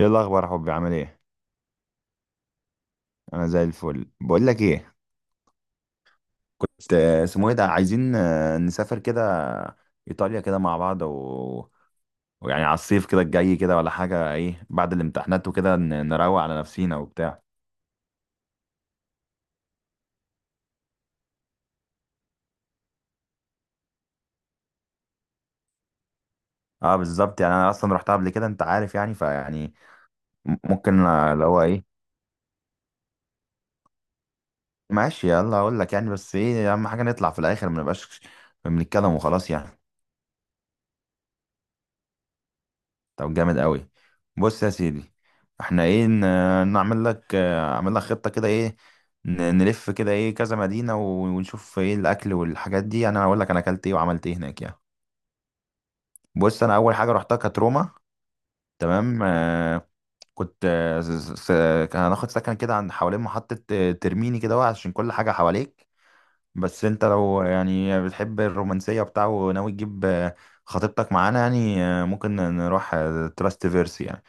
ايه الاخبار يا حبي عامل ايه؟ انا زي الفل. بقول لك ايه، كنت اسمه ايه ده، عايزين نسافر كده ايطاليا كده مع بعض و... ويعني على الصيف كده الجاي كده ولا حاجه، ايه بعد الامتحانات وكده نروق على نفسينا وبتاع. اه بالظبط، يعني انا اصلا رحتها قبل كده، انت عارف يعني. فيعني ممكن اللي هو ايه. ماشي يلا اقول لك يعني، بس ايه اهم حاجه نطلع في الاخر ما نبقاش بنتكلم وخلاص يعني. طب جامد قوي. بص يا سيدي، احنا ايه نعمل لك اعمل لك خطة كده، ايه نلف كده، ايه كذا مدينة ونشوف ايه الاكل والحاجات دي. انا هقول لك انا اكلت ايه وعملت ايه هناك يعني. بص انا اول حاجة رحتها كانت روما. تمام كنت كان هناخد سكن كده عند حوالين محطة ترميني كده اهو، عشان كل حاجة حواليك. بس انت لو يعني بتحب الرومانسية بتاعه وناوي تجيب خطيبتك معانا يعني، ممكن نروح تراست فيرسي يعني.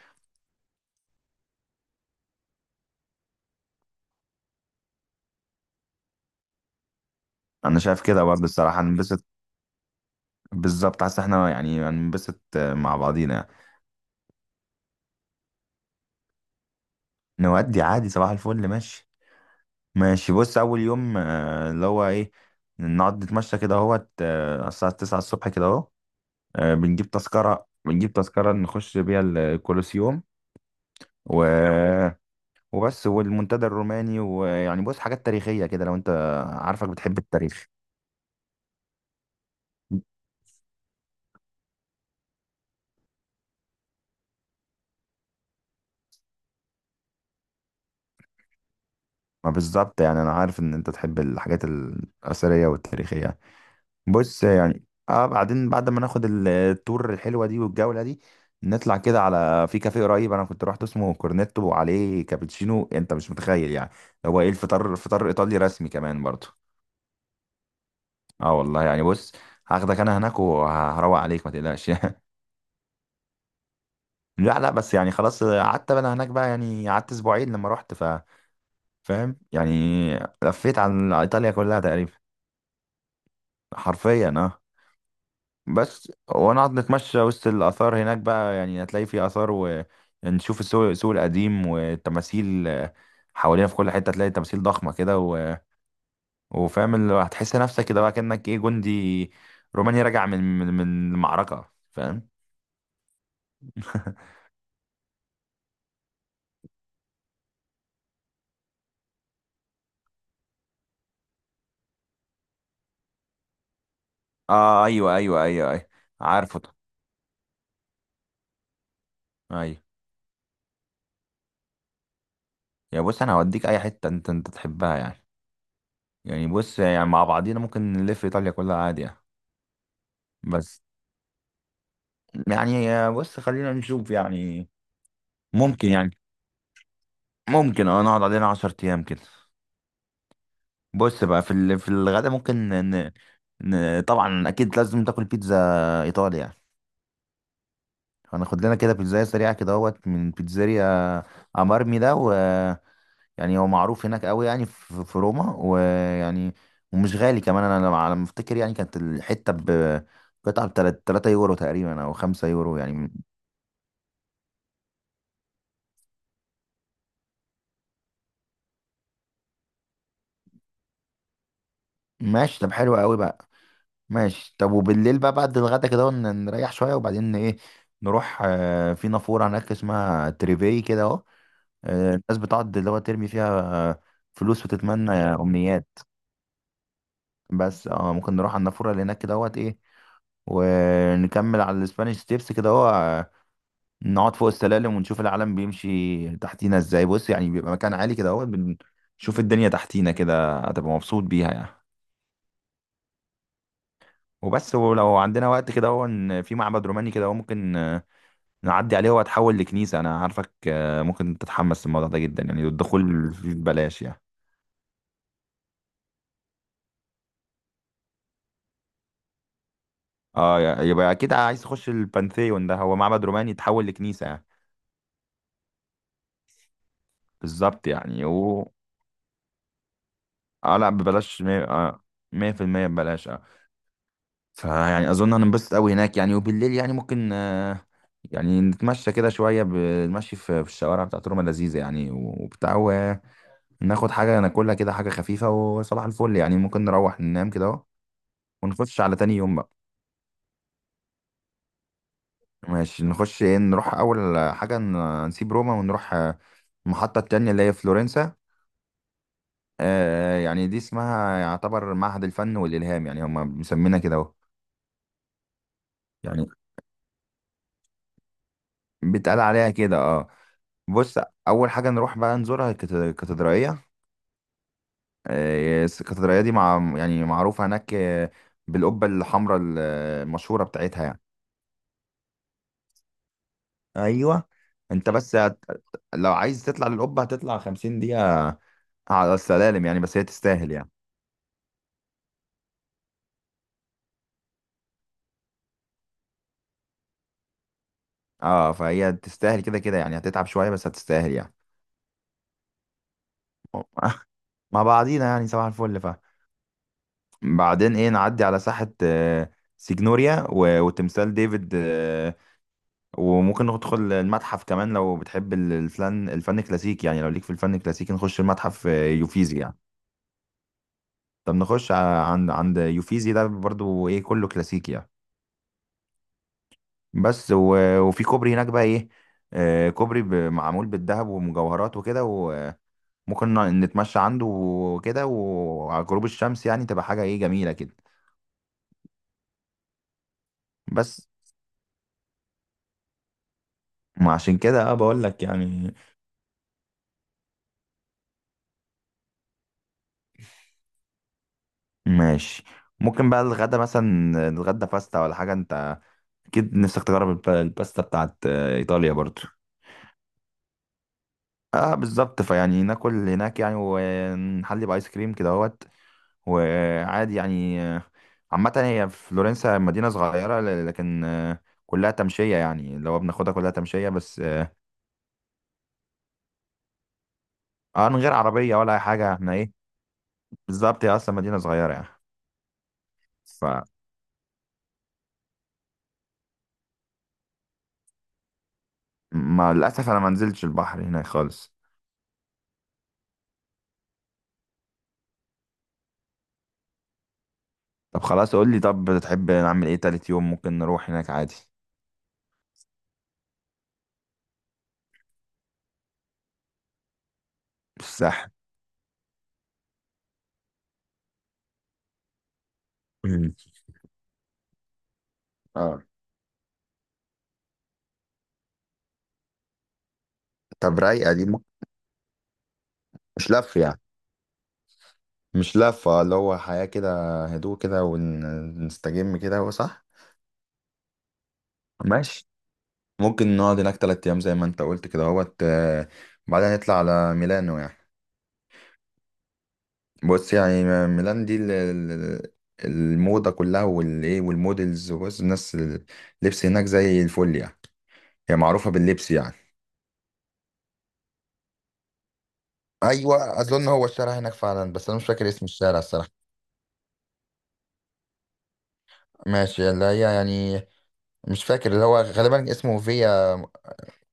انا شايف كده برضه الصراحه هنبسط. بالظبط، حاسس احنا يعني هنبسط مع بعضينا يعني. نودي عادي، صباح الفل ماشي. ماشي بص، اول يوم اللي هو ايه، نقعد نتمشى كده اهوت الساعه 9 الصبح كده اهو. بنجيب تذكره، بنجيب تذكره، نخش بيها الكولوسيوم. و وبس والمنتدى الروماني. ويعني بص حاجات تاريخيه كده، لو انت عارفك بتحب التاريخ. ما بالظبط يعني، انا عارف ان انت تحب الحاجات الاثريه والتاريخيه. بص يعني، اه بعدين بعد ما ناخد التور الحلوه دي والجوله دي، نطلع كده على في كافيه قريب انا كنت رحت، اسمه كورنيتو وعليه كابتشينو، انت مش متخيل يعني. هو ايه الفطار، فطار ايطالي رسمي كمان برضه. اه والله يعني، بص هاخدك انا هناك وهروق عليك، ما تقلقش. لا لا، بس يعني خلاص قعدت انا هناك بقى يعني، قعدت اسبوعين لما رحت. ف فاهم يعني، لفيت عن ايطاليا كلها تقريبا. حرفيا اه. بس ونقعد نتمشى وسط الآثار هناك بقى يعني، هتلاقي في آثار ونشوف السوق السوق القديم والتماثيل حوالينا في كل حتة، هتلاقي تماثيل ضخمة كده وفاهم اللي هو، هتحس نفسك كده بقى كأنك ايه جندي روماني راجع من المعركة، فاهم. اه ايوه ايوه ايوه ايوه، عارفه ده. ايوه يا بص، انا هوديك اي حتة انت انت تحبها يعني. يعني بص يعني، مع بعضينا ممكن نلف ايطاليا كلها عادي يعني. بس يعني بص، خلينا نشوف يعني. ممكن يعني، ممكن اه نقعد علينا عشر ايام كده. بص بقى في ال... في الغدا ممكن ن... ن... طبعا اكيد لازم تاكل بيتزا ايطالي يعني. هناخد لنا كده بيتزاية سريعة كده اهوت من بيتزاريا امارمي ده، ويعني هو معروف هناك قوي يعني في, في روما ويعني ومش غالي كمان. انا على ما افتكر يعني، كانت الحتة ب قطعة ب 3 يورو تقريبا او 5 يورو يعني. ماشي طب حلو قوي بقى. ماشي طب، وبالليل بقى بعد الغدا كده ون- نريح شوية وبعدين ايه، نروح في نافورة هناك اسمها تريفي كده اهو. الناس بتقعد اللي هو ترمي فيها فلوس وتتمنى أمنيات. بس اه ممكن نروح على النافورة اللي هناك كده اهوت ايه، ونكمل على الاسبانيش ستيبس كده اهو. نقعد فوق السلالم ونشوف العالم بيمشي تحتينا ازاي. بص يعني بيبقى مكان عالي كده اهو، بنشوف الدنيا تحتينا كده، هتبقى مبسوط بيها يعني. وبس، ولو عندنا وقت كده اهو، إن في معبد روماني كده اهو ممكن نعدي عليه، وهتحول لكنيسة. أنا عارفك ممكن تتحمس للموضوع ده جدا يعني، الدخول فيه ببلاش يعني. اه يا- يبقى أكيد عايز تخش البانثيون، ده هو معبد روماني يتحول لكنيسة يعني. بالظبط يعني و اه، لا ببلاش مية مية في المية ببلاش اه. فيعني أظن هننبسط أوي هناك يعني. وبالليل يعني ممكن يعني نتمشى كده شوية، بنمشي في في الشوارع بتاعت روما لذيذة يعني وبتاع، وناخد حاجة ناكلها كده حاجة خفيفة، وصباح الفل يعني ممكن نروح ننام كده أهو، ونخش على تاني يوم بقى. ماشي نخش ايه، نروح اول حاجه نسيب روما ونروح المحطه التانية اللي هي فلورنسا. آه يعني دي اسمها يعتبر معهد الفن والالهام يعني، هم مسمينها كده اهو يعني، بيتقال عليها كده اه. بص اول حاجه نروح بقى نزورها، الكاتدرائيه. الكاتدرائيه دي مع يعني معروفه هناك بالقبه الحمراء المشهوره بتاعتها يعني. ايوه انت بس هت... لو عايز تطلع للقبه هتطلع 50 دقيقه على السلالم يعني، بس هي تستاهل يعني. اه فهي تستاهل كده كده يعني، هتتعب شوية بس هتستاهل يعني. مع بعضينا يعني صباح الفل. ف بعدين ايه، نعدي على ساحة سيجنوريا و وتمثال ديفيد وممكن ندخل المتحف كمان لو بتحب الفن الفن الكلاسيكي يعني، لو ليك في الفن الكلاسيكي نخش المتحف يوفيزي يعني. طب نخش عند عند يوفيزي ده برضو ايه، كله كلاسيكي يعني. بس وفي كوبري هناك بقى ايه كوبري معمول بالذهب ومجوهرات وكده، ممكن نتمشى عنده وكده، وعلى غروب الشمس يعني تبقى حاجة ايه جميلة كده. بس ما عشان كده اه بقول لك يعني. ماشي ممكن بقى الغدا مثلا نتغدى باستا ولا حاجة، انت اكيد نفسك تجرب الباستا بتاعت ايطاليا برضو. اه بالظبط، فيعني ناكل هناك يعني ونحلي بايس كريم كده اهوت، وعادي يعني. عامة هي فلورنسا مدينة صغيرة لكن كلها تمشية يعني، لو بناخدها كلها تمشية بس اه. من غير عربية ولا أي حاجة احنا ايه، بالظبط هي اصلا مدينه صغيره يعني. فمع للاسف انا ما نزلتش البحر هناك خالص. طب خلاص قول لي، طب تحب نعمل ايه تالت يوم، ممكن نروح هناك عادي. الساحل. مم. اه طب رايقه دي ممكن. مش لف يعني، مش لفه، اللي هو حياه كده، هدوء كده ونستجم كده، هو صح. ماشي، ممكن نقعد هناك تلات ايام زي ما انت قلت كده اهوت بعدها نطلع على ميلانو يعني. بص يعني ميلان دي الموضة كلها والايه والمودلز، وبص الناس اللبس هناك زي الفل يعني، هي معروفة باللبس يعني. ايوه اظن هو الشارع هناك فعلا، بس انا مش فاكر اسم الشارع الصراحة. ماشي اللي هي يعني، مش فاكر اللي هو غالبا اسمه فيا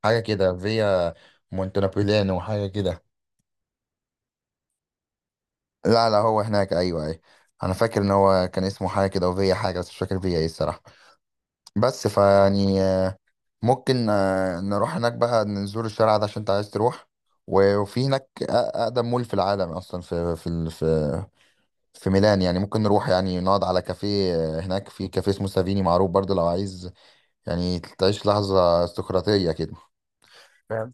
حاجة كده، فيا مونتنابوليانو حاجة كده. لا لا هو هناك ايوه ايوه، انا فاكر ان هو كان اسمه حاجة كده وفيا حاجة، بس مش فاكر فيا ايه الصراحة. بس فيعني ممكن نروح هناك بقى نزور الشارع ده عشان انت عايز تروح. وفي هناك اقدم مول في العالم اصلا، في في في في ميلان يعني، ممكن نروح يعني نقعد على كافيه هناك في كافيه اسمه سافيني معروف برضه، لو عايز يعني تعيش لحظة استقراطية كده، فاهم.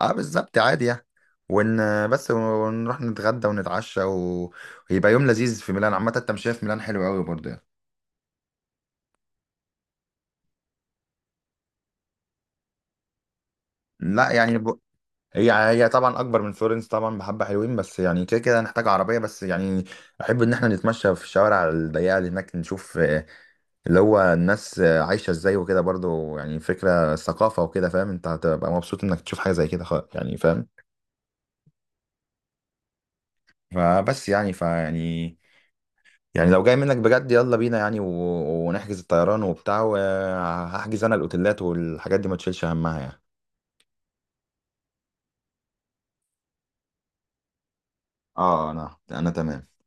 اه بالظبط عادي يعني. ون بس ونروح نتغدى ونتعشى و... ويبقى يوم لذيذ في ميلان. عامة التمشية في ميلان حلوة قوي برضه يعني. لا يعني، هي طبعا اكبر من فلورنس طبعا، بحبه حلوين، بس يعني كده كده هنحتاج عربيه بس يعني. احب ان احنا نتمشى في الشوارع الضيقه اللي هناك نشوف اللي هو الناس عايشه ازاي وكده برضو يعني، فكره ثقافه وكده، فاهم انت، هتبقى مبسوط انك تشوف حاجه زي كده. خ- يعني فاهم. فبس يعني فيعني، يعني لو جاي منك بجد يلا بينا يعني، ونحجز الطيران وبتاع، وهحجز انا الاوتيلات والحاجات دي ما تشيلش همها يعني. اه انا انا تمام.